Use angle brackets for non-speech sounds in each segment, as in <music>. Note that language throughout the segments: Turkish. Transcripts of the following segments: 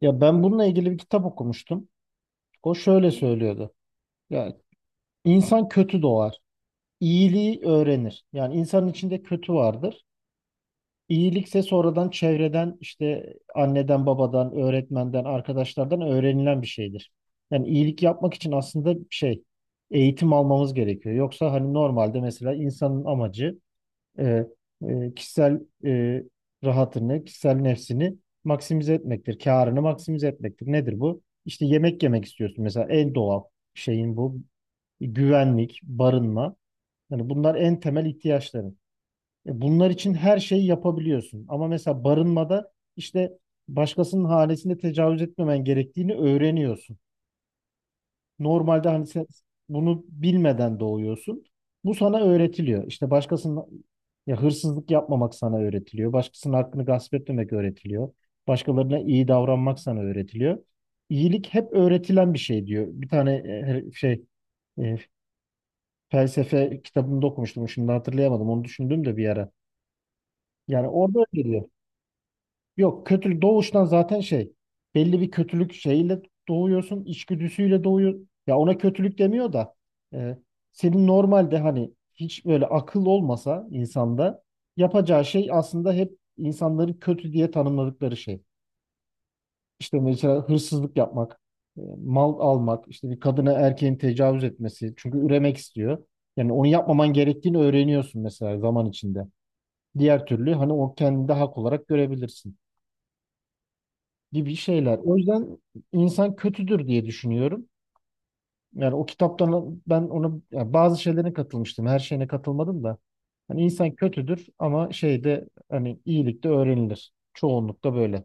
Ya ben bununla ilgili bir kitap okumuştum. O şöyle söylüyordu. Ya insan kötü doğar, iyiliği öğrenir. Yani insanın içinde kötü vardır. İyilikse sonradan çevreden işte anneden, babadan, öğretmenden, arkadaşlardan öğrenilen bir şeydir. Yani iyilik yapmak için aslında eğitim almamız gerekiyor. Yoksa hani normalde mesela insanın amacı e, kişisel rahatını, kişisel nefsini maksimize etmektir. Kârını maksimize etmektir. Nedir bu? İşte yemek yemek istiyorsun mesela en doğal şeyin bu. Güvenlik, barınma. Yani bunlar en temel ihtiyaçların. Bunlar için her şeyi yapabiliyorsun. Ama mesela barınmada işte başkasının hanesine tecavüz etmemen gerektiğini öğreniyorsun. Normalde hani sen bunu bilmeden doğuyorsun. Bu sana öğretiliyor. İşte başkasının ya hırsızlık yapmamak sana öğretiliyor. Başkasının hakkını gasp etmemek öğretiliyor. Başkalarına iyi davranmak sana öğretiliyor. İyilik hep öğretilen bir şey diyor. Bir tane e, şey e, felsefe kitabında okumuştum. Şimdi hatırlayamadım. Onu düşündüm de bir ara. Yani orada öyle diyor. Yok, kötülük doğuştan zaten belli bir kötülük şeyiyle doğuyorsun, içgüdüsüyle doğuyor. Ya ona kötülük demiyor da e, senin normalde hani hiç böyle akıl olmasa insanda yapacağı şey aslında hep insanların kötü diye tanımladıkları şey. İşte mesela hırsızlık yapmak, mal almak, işte bir kadına erkeğin tecavüz etmesi, çünkü üremek istiyor. Yani onu yapmaman gerektiğini öğreniyorsun mesela zaman içinde. Diğer türlü hani o kendini de hak olarak görebilirsin gibi şeyler. O yüzden insan kötüdür diye düşünüyorum. Yani o kitaptan ben ona yani bazı şeylerine katılmıştım. Her şeyine katılmadım da. Hani insan kötüdür ama şeyde hani iyilik de öğrenilir. Çoğunlukla böyle.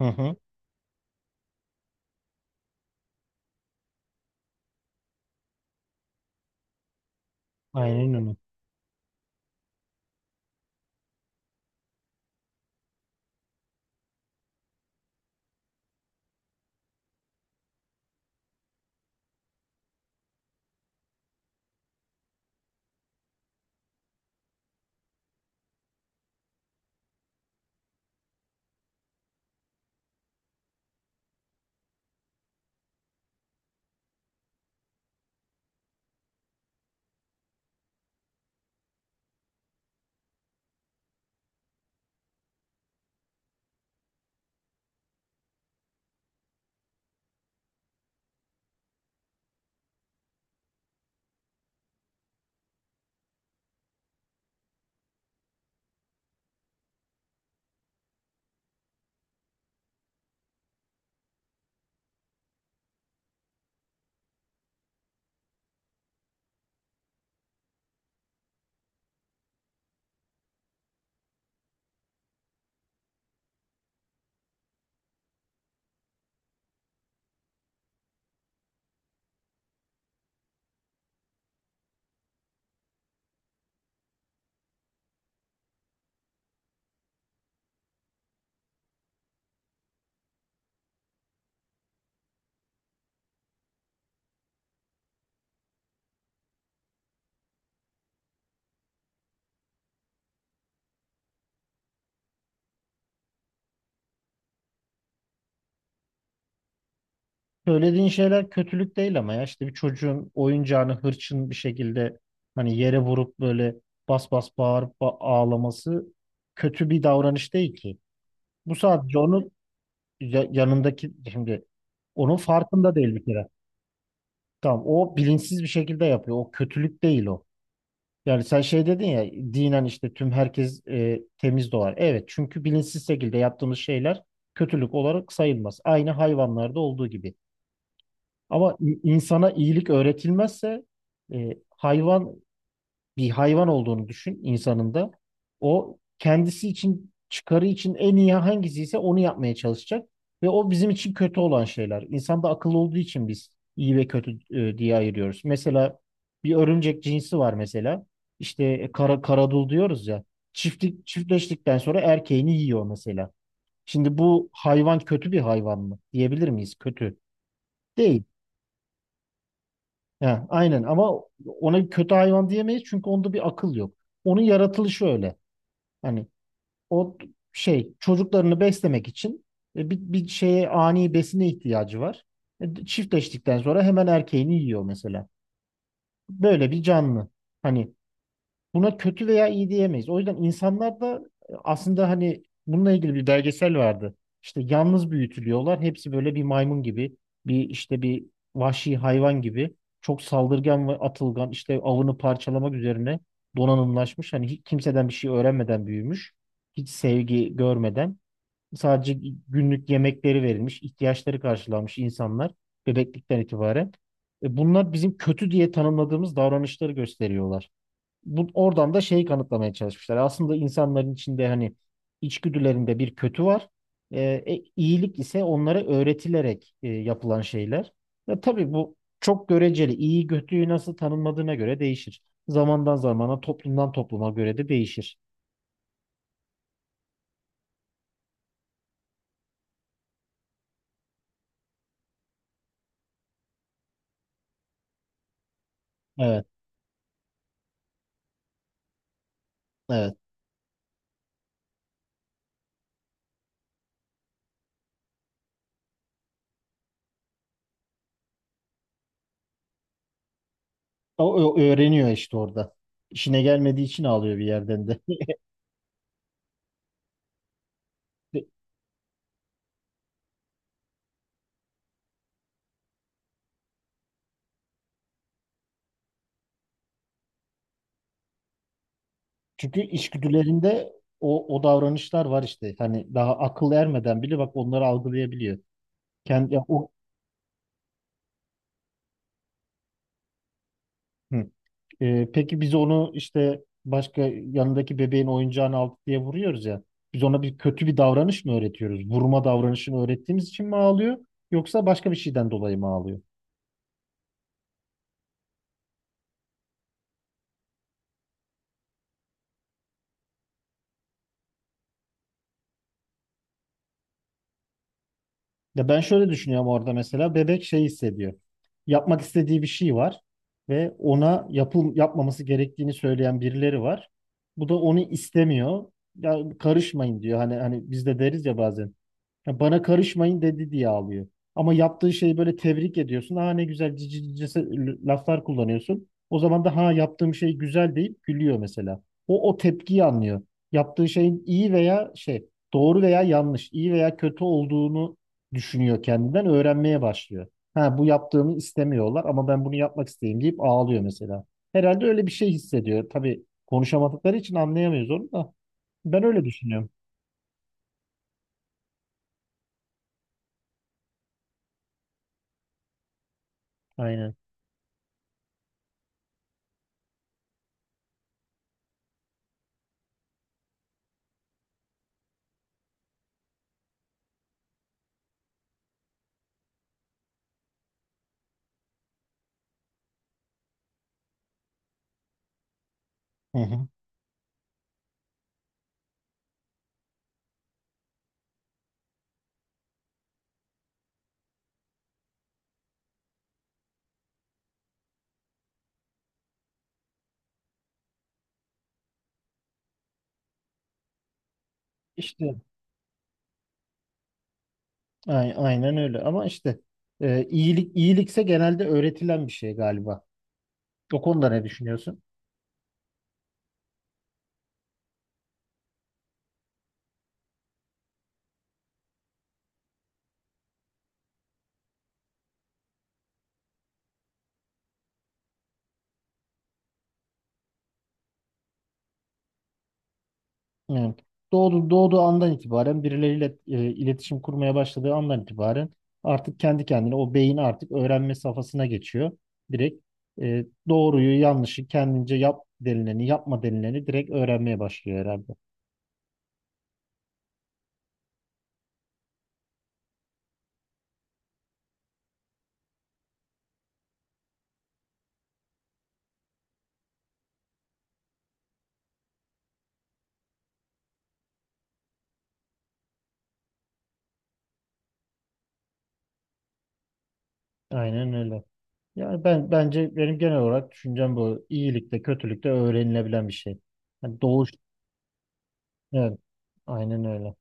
Hı hı. Aynen öyle. Söylediğin şeyler kötülük değil, ama ya işte bir çocuğun oyuncağını hırçın bir şekilde hani yere vurup böyle bas bas bağırıp ağlaması kötü bir davranış değil ki. Bu sadece onun yanındaki, şimdi onun farkında değil bir kere. Tamam, o bilinçsiz bir şekilde yapıyor. O kötülük değil o. Yani sen şey dedin ya, dinen işte tüm herkes temiz doğar. Evet, çünkü bilinçsiz şekilde yaptığımız şeyler kötülük olarak sayılmaz. Aynı hayvanlarda olduğu gibi. Ama insana iyilik öğretilmezse e, hayvan bir hayvan olduğunu düşün insanın da. O kendisi için, çıkarı için en iyi hangisi ise onu yapmaya çalışacak. Ve o bizim için kötü olan şeyler. İnsan da akıllı olduğu için biz iyi ve kötü diye ayırıyoruz. Mesela bir örümcek cinsi var mesela. İşte karadul diyoruz ya. Çiftleştikten sonra erkeğini yiyor mesela. Şimdi bu hayvan kötü bir hayvan mı? Diyebilir miyiz? Kötü. Değil. Ha, aynen, ama ona kötü hayvan diyemeyiz çünkü onda bir akıl yok. Onun yaratılışı öyle. Hani o çocuklarını beslemek için bir şeye, ani besine ihtiyacı var. Çiftleştikten sonra hemen erkeğini yiyor mesela. Böyle bir canlı. Hani buna kötü veya iyi diyemeyiz. O yüzden insanlar da aslında hani bununla ilgili bir belgesel vardı. İşte yalnız büyütülüyorlar. Hepsi böyle bir maymun gibi, bir vahşi hayvan gibi. Çok saldırgan ve atılgan, işte avını parçalamak üzerine donanımlaşmış. Hani hiç kimseden bir şey öğrenmeden büyümüş. Hiç sevgi görmeden. Sadece günlük yemekleri verilmiş, ihtiyaçları karşılanmış insanlar bebeklikten itibaren. Bunlar bizim kötü diye tanımladığımız davranışları gösteriyorlar. Bu oradan da şeyi kanıtlamaya çalışmışlar. Aslında insanların içinde hani içgüdülerinde bir kötü var. İyilik ise onlara öğretilerek yapılan şeyler. Ve tabii bu çok göreceli. İyi kötüyü nasıl tanımladığına göre değişir. Zamandan zamana, toplumdan topluma göre de değişir. Evet, evet. O, o öğreniyor işte orada. İşine gelmediği için ağlıyor bir yerden de. <laughs> Çünkü içgüdülerinde o, o davranışlar var işte. Hani daha akıl ermeden bile bak onları algılayabiliyor. Kendi, ya o, hı. Peki biz onu işte yanındaki bebeğin oyuncağını aldık diye vuruyoruz ya. Biz ona bir kötü bir davranış mı öğretiyoruz? Vurma davranışını öğrettiğimiz için mi ağlıyor? Yoksa başka bir şeyden dolayı mı ağlıyor? Ya ben şöyle düşünüyorum, orada mesela bebek şey hissediyor. Yapmak istediği bir şey var ve ona yapmaması gerektiğini söyleyen birileri var. Bu da onu istemiyor. Ya karışmayın diyor. Hani hani biz de deriz ya bazen. Ya bana karışmayın dedi diye ağlıyor. Ama yaptığı şeyi böyle tebrik ediyorsun. Ha, ne güzel, cici cici laflar kullanıyorsun. O zaman da ha yaptığım şey güzel deyip gülüyor mesela. O o tepkiyi anlıyor. Yaptığı şeyin iyi veya doğru veya yanlış, iyi veya kötü olduğunu düşünüyor, kendinden öğrenmeye başlıyor. Ha bu yaptığımı istemiyorlar ama ben bunu yapmak isteyeyim deyip ağlıyor mesela. Herhalde öyle bir şey hissediyor. Tabii konuşamadıkları için anlayamıyoruz onu da. Ben öyle düşünüyorum. Aynen. Hı hı. İşte Aynen öyle, ama işte iyilikse genelde öğretilen bir şey galiba. O konuda ne düşünüyorsun? Yani doğduğu andan itibaren birileriyle iletişim kurmaya başladığı andan itibaren artık kendi kendine o beyin artık öğrenme safhasına geçiyor. Direkt doğruyu yanlışı kendince, yap denileni, yapma denileni direkt öğrenmeye başlıyor herhalde. Aynen öyle. Yani ben bence benim genel olarak düşüncem bu. İyilikte kötülükte öğrenilebilen bir şey. Yani evet, aynen öyle.